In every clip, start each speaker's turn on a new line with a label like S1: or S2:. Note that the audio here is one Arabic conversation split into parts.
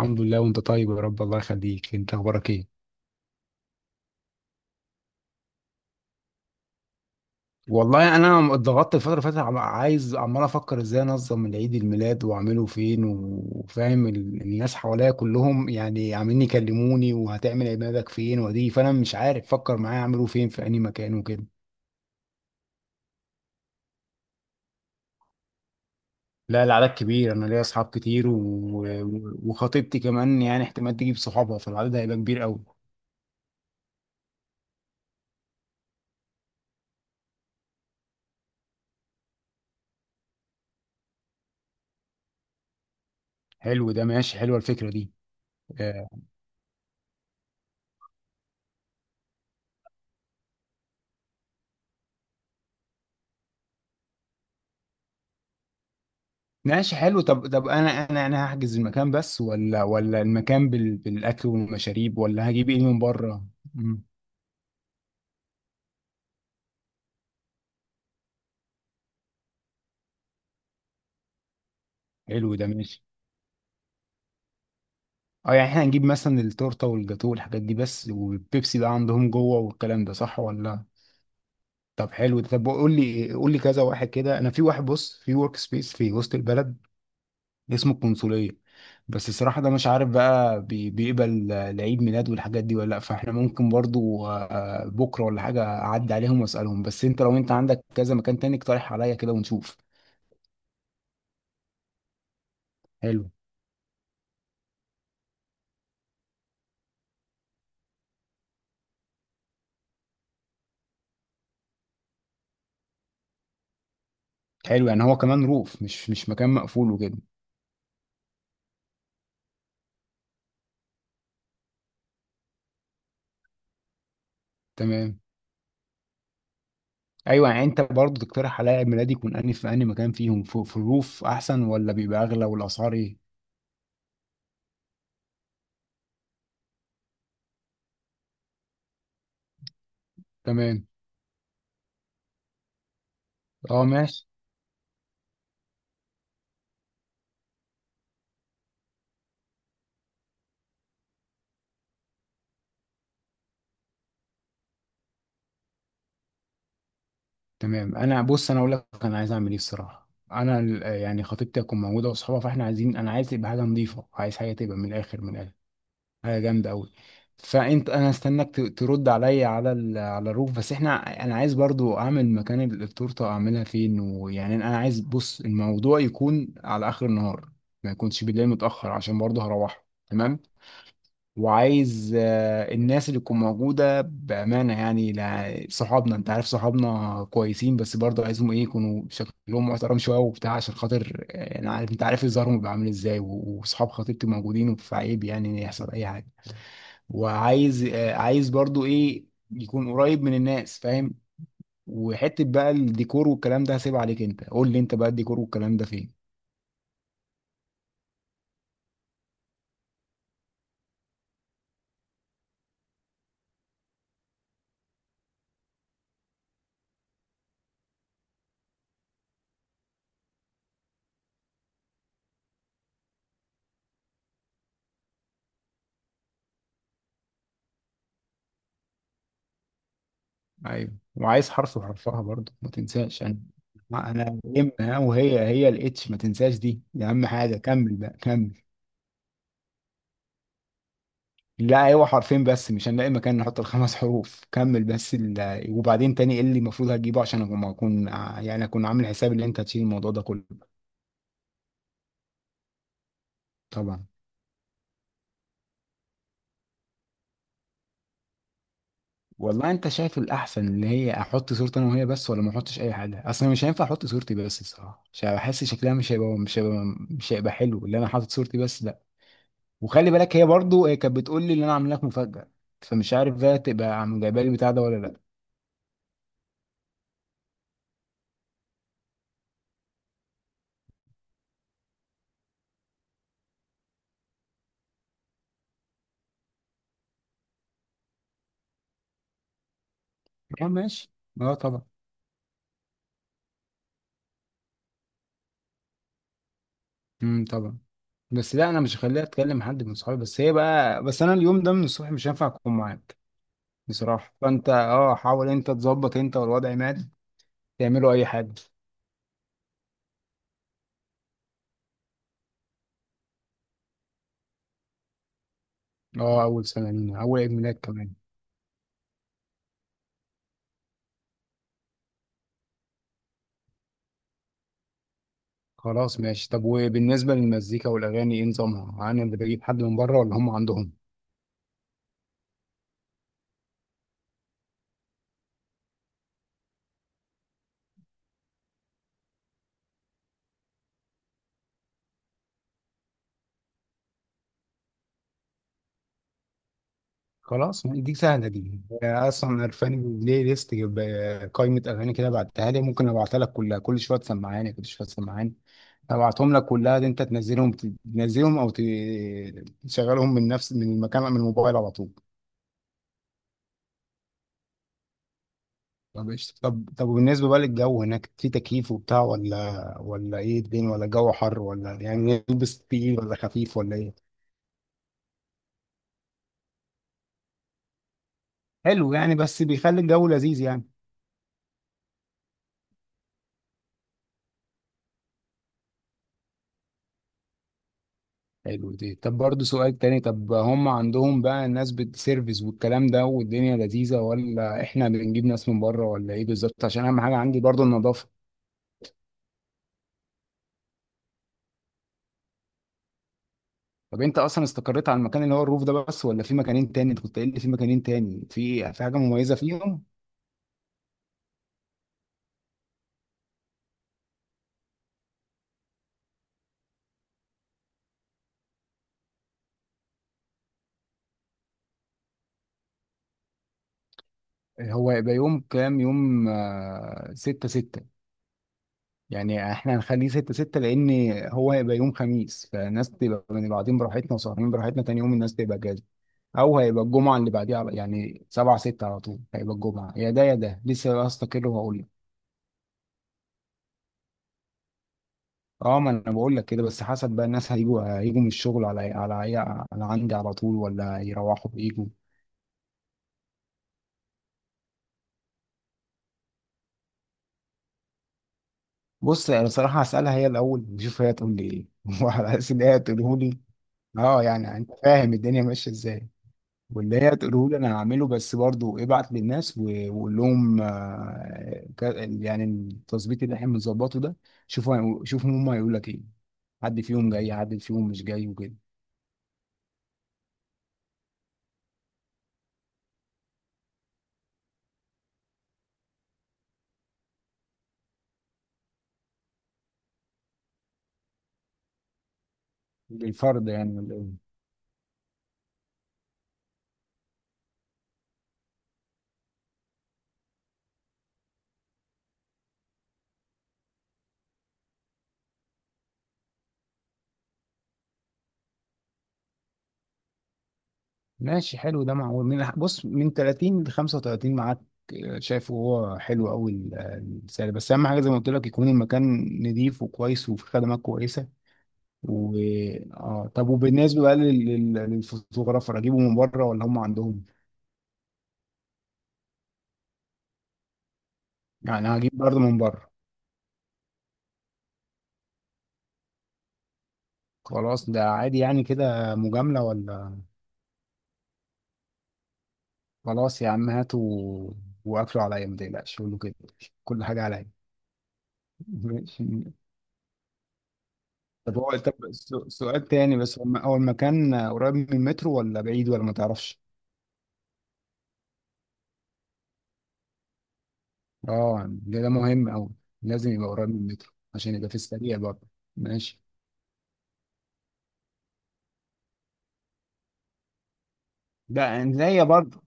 S1: الحمد لله، وانت طيب يا رب، الله يخليك. انت اخبارك ايه؟ والله انا اتضغطت الفتره اللي فاتت، عايز، عمال افكر ازاي انظم العيد الميلاد واعمله فين، وفاهم الناس حواليا كلهم، يعني عاملين يكلموني، وهتعمل عيد ميلادك فين ودي، فانا مش عارف. فكر معايا اعمله فين، في اي مكان وكده. لا العدد كبير، انا ليا اصحاب كتير و- وخطيبتي كمان، يعني احتمال تجيب صحابها، فالعدد هيبقى كبير قوي. حلو ده ماشي، حلوه الفكره دي. آه، ماشي حلو. طب انا هحجز المكان بس، ولا المكان بالاكل والمشاريب، ولا هجيب ايه من بره؟ مم. حلو ده ماشي. اه، يعني احنا هنجيب مثلا التورته والجاتوه والحاجات دي بس، والبيبسي بقى عندهم جوه، والكلام ده صح ولا؟ طب حلو ده. طب قول لي، قول لي كذا واحد كده. انا في واحد، بص، في ورك سبيس في وسط البلد اسمه القنصلية، بس الصراحة ده مش عارف بقى بيقبل لعيد ميلاد والحاجات دي ولا لأ. فاحنا ممكن برضو بكرة ولا حاجة أعدي عليهم وأسألهم. بس أنت، لو أنت عندك كذا مكان تاني اقترح عليا كده ونشوف. حلو. حلو، يعني هو كمان روف، مش مكان مقفول وكده؟ تمام. أيوة، يعني أنت برضو تقترح عليا عيد ميلادي يكون أنهي في أنهي مكان فيهم. في الروف أحسن ولا بيبقى أغلى، والأسعار إيه؟ تمام. أه ماشي. تمام. انا بص، انا اقول لك انا عايز اعمل ايه الصراحه. انا يعني خطيبتي هتكون موجوده واصحابها، فاحنا عايزين، انا عايز تبقى حاجه نظيفه، عايز حاجه تبقى من الاخر من الاخر، حاجه جامده قوي. فانت انا استناك ترد عليا على الروف. بس احنا، انا عايز برضو اعمل مكان التورته اعملها فين. ويعني انا عايز، بص، الموضوع يكون على اخر النهار، ما يكونش بالليل متاخر، عشان برضو هروح. تمام. وعايز الناس اللي تكون موجودة بأمانة، يعني صحابنا، انت عارف صحابنا كويسين، بس برضه عايزهم ايه، يكونوا شكلهم محترم شوية وبتاع، عشان خاطر انا عارف، انت عارف ظهرهم بيبقى عامل ازاي، و- وصحاب خطيبتي موجودين، فعيب يعني ان يحصل اي حاجة. وعايز عايز برضه ايه، يكون قريب من الناس، فاهم. وحتة بقى الديكور والكلام ده هسيبها عليك. انت قول لي انت بقى الديكور والكلام ده فين. ايوه. وعايز حرف وحرفها برضه ما تنساش. انا انا ها، وهي الاتش، ما تنساش. دي اهم حاجه. كمل بقى كمل. لا ايوه، حرفين بس، مش هنلاقي مكان نحط الخمس حروف. كمل بس وبعدين تاني ايه اللي المفروض هتجيبه، عشان أما اكون يعني اكون عامل حساب ان انت هتشيل الموضوع ده كله. طبعا. والله انت شايف الاحسن، اللي هي احط صورتي انا وهي بس، ولا ما احطش اي حاجه اصلا؟ مش هينفع احط صورتي بس الصراحه، مش هحس شكلها، مش هيبقى حلو اللي انا حاطط صورتي بس، لا. وخلي بالك، هي برضو هي كانت بتقول لي ان انا عامل لك مفاجأة، فمش عارف بقى تبقى عم جايبه لي البتاع ده ولا لا. اه ماشي. اه طبعا. طبعا. بس لا، انا مش هخليها اتكلم حد من صحابي، بس هي بقى. بس انا اليوم ده من الصبح مش هينفع اكون معاك. بصراحة فانت حاول انت تظبط، انت والوضع مات، تعملوا اي حاجة. اه، اول سنة لينا، اول عيد ميلاد كمان. خلاص ماشي. طب وبالنسبة للمزيكا والاغاني ايه نظامها، انا اللي بجيب حد من بره ولا هم عندهم؟ خلاص دي سهلة دي، أنا أصلا عرفاني بلاي ليست، قائمة أغاني كده بعتها لي، ممكن أبعتها لك كلها. كل شوية تسمعاني، كل شوية تسمعاني. أبعتهم لك كلها دي، أنت تنزلهم، تنزلهم أو ت- تشغلهم من المكان، من الموبايل على طول. طب إيش، طب وبالنسبة بقى للجو هناك، في تكييف وبتاع ولا إيه الدنيا، ولا الجو حر، ولا يعني نلبس تقيل ولا خفيف ولا إيه؟ حلو، يعني بس بيخلي الجو لذيذ يعني. حلو دي. طب برضه سؤال تاني، طب هم عندهم بقى الناس بتسيرفيس والكلام ده والدنيا لذيذة، ولا احنا بنجيب ناس من بره، ولا ايه بالظبط؟ عشان اهم حاجة عندي برضه النظافة. طب انت اصلا استقريت على المكان اللي هو الروف ده بس، ولا في مكانين تاني؟ انت كنت قايل لي في مكانين تاني، في حاجة مميزة فيهم. هو هيبقى يوم كام يوم؟ 6/6. يعني احنا هنخليه 6/6، لان هو هيبقى يوم خميس، فالناس تبقى من بعدين براحتنا، وسهرانين براحتنا، تاني يوم الناس تبقى جاهزة. او هيبقى الجمعه اللي بعديها، يعني 7 6، على طول هيبقى الجمعه يا ده يا ده، لسه هستقر وهقول لك. اه ما انا بقول لك كده، بس حسب بقى الناس هيجوا من الشغل على عندي على طول، ولا هيروحوا يجوا. بص انا صراحه هسالها هي الاول، نشوف هي تقول لي ايه وعلى اساس ان هي تقوله لي. اه، يعني انت فاهم الدنيا ماشيه ازاي. واللي هي تقوله لي انا هعمله، بس برضو ابعت للناس و- وقول لهم يعني التظبيط اللي احنا بنظبطه ده، شوفوا شوفوا هم هيقول لك ايه، حد فيهم جاي حد فيهم مش جاي وكده. بالفرد يعني ولا إيه؟ ماشي حلو ده، معقول. من 30 ل 35 معاك، شايفه هو حلو قوي السعر. بس اهم حاجه زي ما قلت لك يكون المكان نظيف وكويس وفي خدمات كويسه. و اه طب وبالنسبه بقى لل- لل- للفوتوغرافر، اجيبه من بره ولا هم عندهم؟ يعني هجيب برضه من بره. خلاص ده عادي يعني، كده مجامله ولا؟ خلاص يا عم، هاتوا واكلوا عليا، ما تقلقش، قول له كده، كل حاجه عليا. ماشي. طب هو، طب سؤال تاني، بس هو المكان قريب من المترو ولا بعيد، ولا ما تعرفش؟ اه ده ده مهم أوي، لازم يبقى قريب من المترو عشان يبقى في السريع برضه. ماشي. لا لا، هي برضه،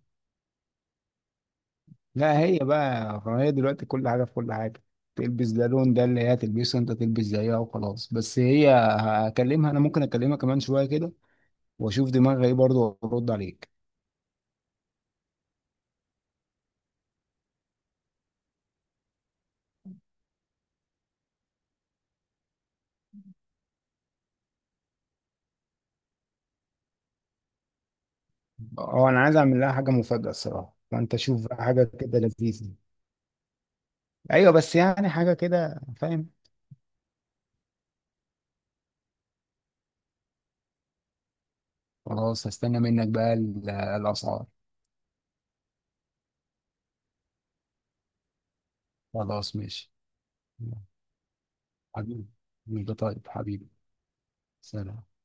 S1: لا هي بقى، هي دلوقتي كل حاجة في كل حاجة. تلبس ده لون ده، اللي هي تلبسه انت تلبس زيها وخلاص. بس هي، هكلمها انا، ممكن اكلمها كمان شوية كده، واشوف دماغها ايه برضه وارد عليك. اه، انا عايز اعمل لها حاجة مفاجأة الصراحة، فانت شوف بقى حاجة كده لذيذة. ايوه بس يعني حاجة كده، فاهم. خلاص هستنى منك بقى الأسعار. خلاص ماشي. حبيبي، طيب حبيبي. سلام.